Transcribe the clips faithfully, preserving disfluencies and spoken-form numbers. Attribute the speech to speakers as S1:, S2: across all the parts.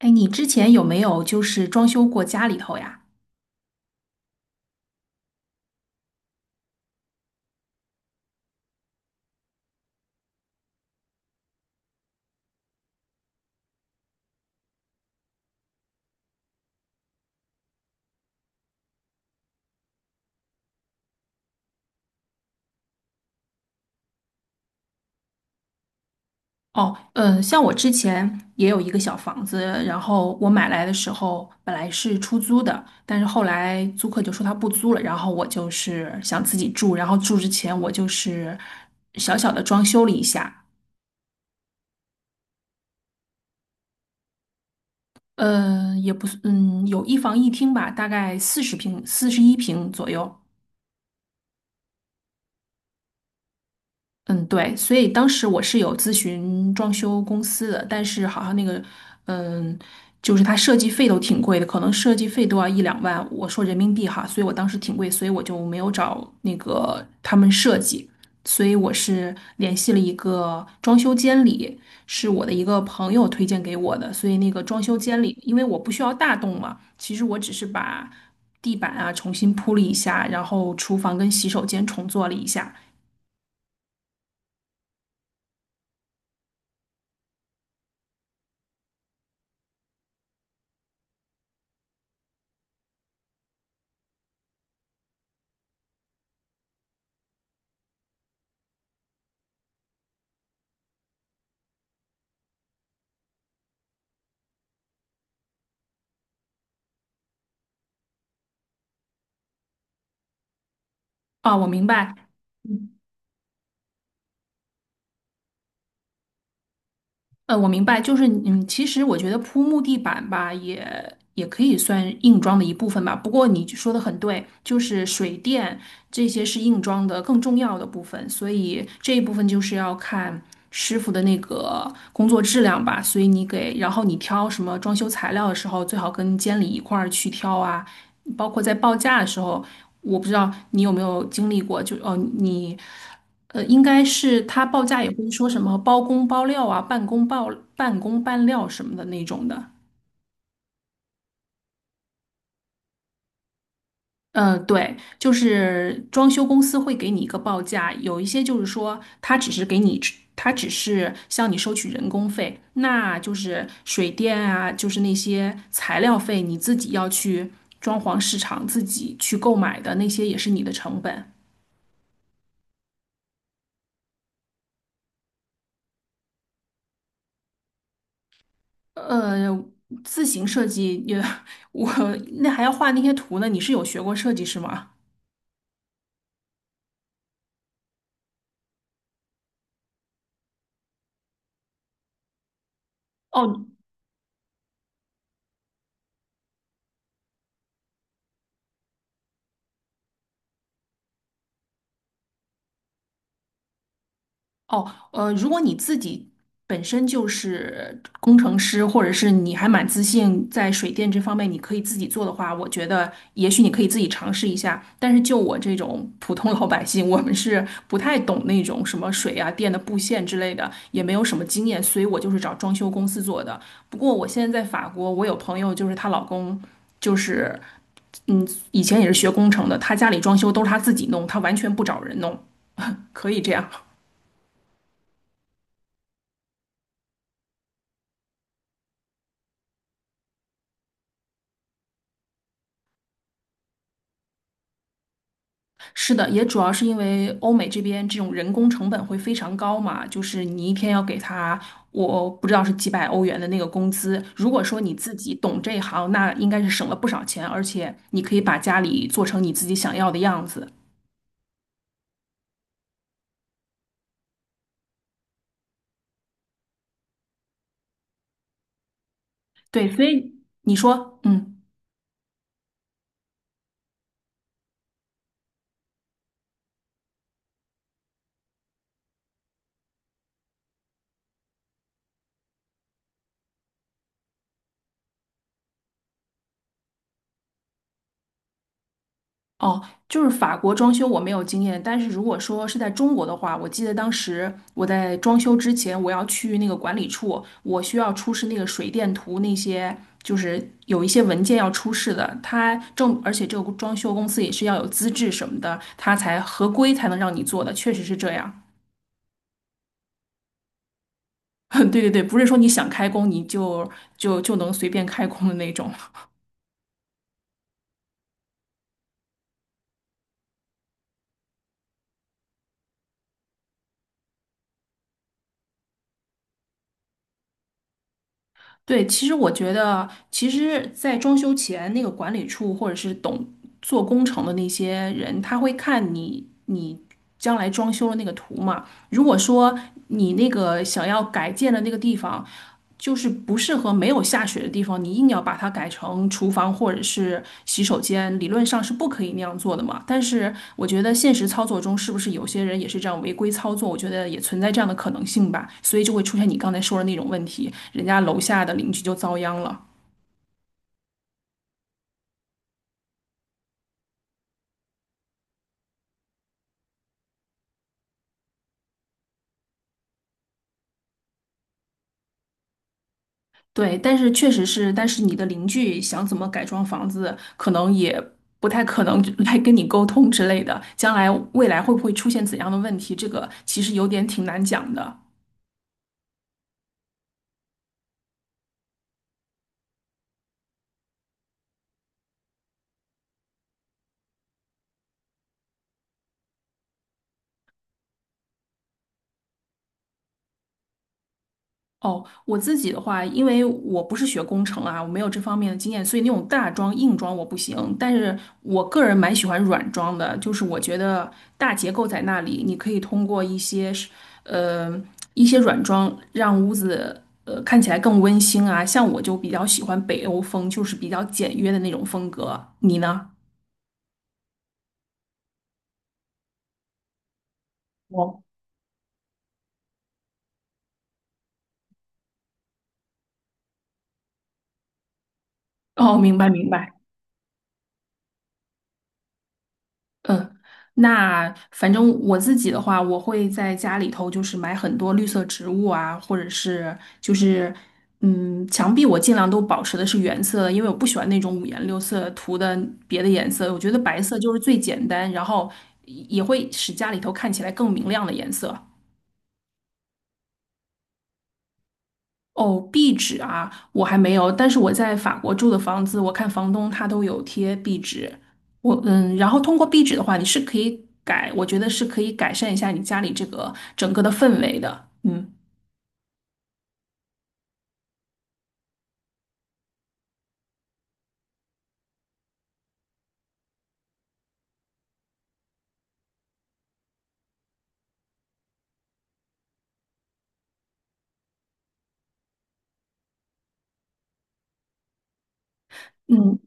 S1: 哎，你之前有没有就是装修过家里头呀？哦，嗯，像我之前也有一个小房子，然后我买来的时候本来是出租的，但是后来租客就说他不租了，然后我就是想自己住，然后住之前我就是小小的装修了一下，呃，也不是，嗯，有一房一厅吧，大概四十平、四十一平左右。嗯，对，所以当时我是有咨询装修公司的，但是好像那个，嗯，就是它设计费都挺贵的，可能设计费都要一两万，我说人民币哈，所以我当时挺贵，所以我就没有找那个他们设计，所以我是联系了一个装修监理，是我的一个朋友推荐给我的，所以那个装修监理，因为我不需要大动嘛，其实我只是把地板啊重新铺了一下，然后厨房跟洗手间重做了一下。啊，我明白。嗯，呃，我明白，就是嗯，其实我觉得铺木地板吧，也也可以算硬装的一部分吧。不过你就说的很对，就是水电这些是硬装的更重要的部分，所以这一部分就是要看师傅的那个工作质量吧。所以你给，然后你挑什么装修材料的时候，最好跟监理一块儿去挑啊，包括在报价的时候，我不知道你有没有经历过，就哦你。呃，应该是他报价也会说什么包工包料啊、半工包半工半料什么的那种的。嗯，呃对，就是装修公司会给你一个报价，有一些就是说他只是给你，他只是向你收取人工费，那就是水电啊，就是那些材料费，你自己要去装潢市场自己去购买的那些也是你的成本。呃，自行设计也，我那还要画那些图呢，你是有学过设计是吗？哦哦，呃，如果你自己本身就是工程师，或者是你还蛮自信在水电这方面，你可以自己做的话，我觉得也许你可以自己尝试一下。但是就我这种普通老百姓，我们是不太懂那种什么水啊、电的布线之类的，也没有什么经验，所以我就是找装修公司做的。不过我现在在法国，我有朋友就是她老公就是。嗯，以前也是学工程的，她家里装修都是她自己弄，她完全不找人弄，可以这样。是的，也主要是因为欧美这边这种人工成本会非常高嘛，就是你一天要给他，我不知道是几百欧元的那个工资。如果说你自己懂这一行，那应该是省了不少钱，而且你可以把家里做成你自己想要的样子。对，所以你说，嗯。哦，就是法国装修我没有经验，但是如果说是在中国的话，我记得当时我在装修之前，我要去那个管理处，我需要出示那个水电图，那些就是有一些文件要出示的。它正，而且这个装修公司也是要有资质什么的，它才合规才能让你做的，确实是这样。对对对，不是说你想开工你就就就能随便开工的那种。对，其实我觉得，其实，在装修前，那个管理处或者是懂做工程的那些人，他会看你你将来装修的那个图嘛。如果说你那个想要改建的那个地方，就是不适合没有下水的地方，你硬要把它改成厨房或者是洗手间，理论上是不可以那样做的嘛。但是我觉得现实操作中，是不是有些人也是这样违规操作？我觉得也存在这样的可能性吧，所以就会出现你刚才说的那种问题，人家楼下的邻居就遭殃了。对，但是确实是，但是你的邻居想怎么改装房子，可能也不太可能来跟你沟通之类的。将来未来会不会出现怎样的问题，这个其实有点挺难讲的。哦，我自己的话，因为我不是学工程啊，我没有这方面的经验，所以那种大装硬装我不行。但是我个人蛮喜欢软装的，就是我觉得大结构在那里，你可以通过一些是，呃，一些软装让屋子呃看起来更温馨啊。像我就比较喜欢北欧风，就是比较简约的那种风格。你呢？哦，明白明白。嗯，那反正我自己的话，我会在家里头就是买很多绿色植物啊，或者是就是嗯，墙壁我尽量都保持的是原色的因为我不喜欢那种五颜六色涂的别的颜色，我觉得白色就是最简单，然后也也会使家里头看起来更明亮的颜色。哦，壁纸啊，我还没有，但是我在法国住的房子，我看房东他都有贴壁纸。我嗯，然后通过壁纸的话，你是可以改，我觉得是可以改善一下你家里这个整个的氛围的。嗯。嗯，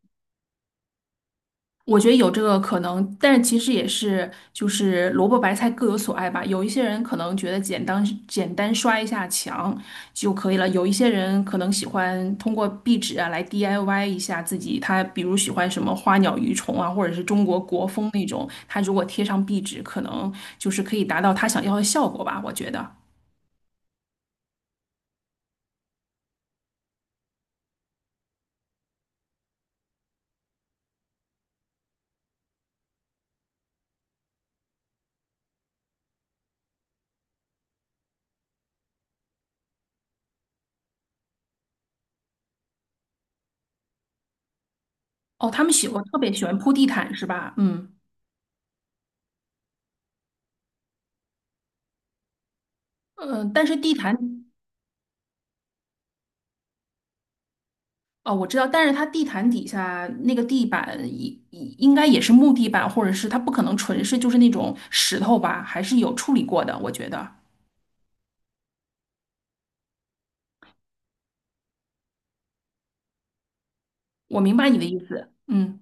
S1: 我觉得有这个可能，但是其实也是就是萝卜白菜各有所爱吧。有一些人可能觉得简单简单刷一下墙就可以了，有一些人可能喜欢通过壁纸啊来 D I Y 一下自己。他比如喜欢什么花鸟鱼虫啊，或者是中国国风那种，他如果贴上壁纸，可能就是可以达到他想要的效果吧。我觉得。哦，他们喜欢特别喜欢铺地毯是吧？嗯嗯，呃但是地毯。哦，我知道，但是它地毯底下那个地板应应该也是木地板，或者是它不可能纯是就是那种石头吧，还是有处理过的。我觉得我明白你的意思，嗯，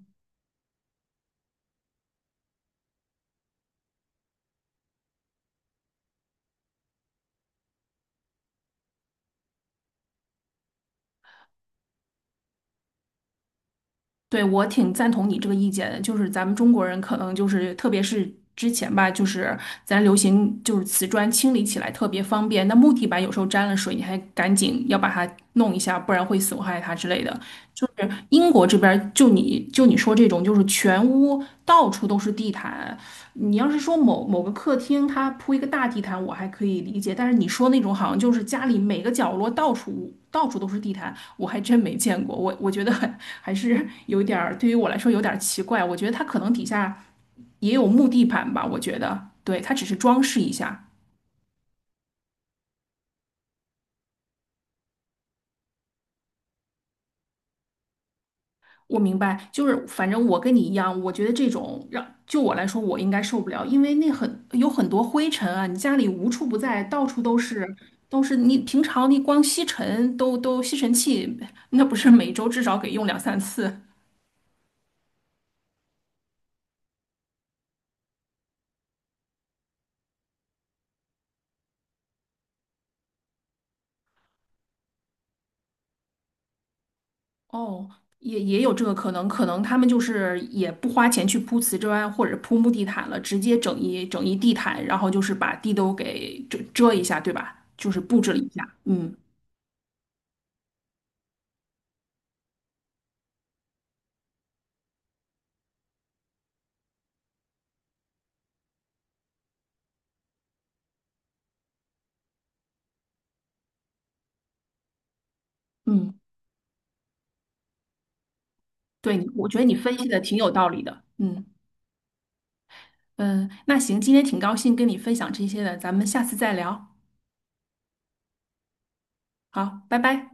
S1: 对，我挺赞同你这个意见的。就是咱们中国人可能就是，特别是之前吧，就是咱流行就是瓷砖清理起来特别方便，那木地板有时候沾了水，你还赶紧要把它弄一下，不然会损害它之类的。就是英国这边儿就你就你说这种，就是全屋到处都是地毯。你要是说某某个客厅，它铺一个大地毯，我还可以理解。但是你说那种好像就是家里每个角落到处到处都是地毯，我还真没见过。我我觉得 还是有点儿，对于我来说有点儿奇怪。我觉得它可能底下也有木地板吧，我觉得，对，它只是装饰一下。我明白，就是反正我跟你一样，我觉得这种让就我来说，我应该受不了，因为那很有很多灰尘啊，你家里无处不在，到处都是，都是你平常你光吸尘都都吸尘器，那不是每周至少给用两三次。哦，也也有这个可能，可能他们就是也不花钱去铺瓷砖或者铺木地毯了，直接整一整一地毯，然后就是把地都给遮遮一下，对吧？就是布置了一下，嗯嗯。对，你我觉得你分析的挺有道理的。嗯嗯，那行，今天挺高兴跟你分享这些的，咱们下次再聊。好，拜拜。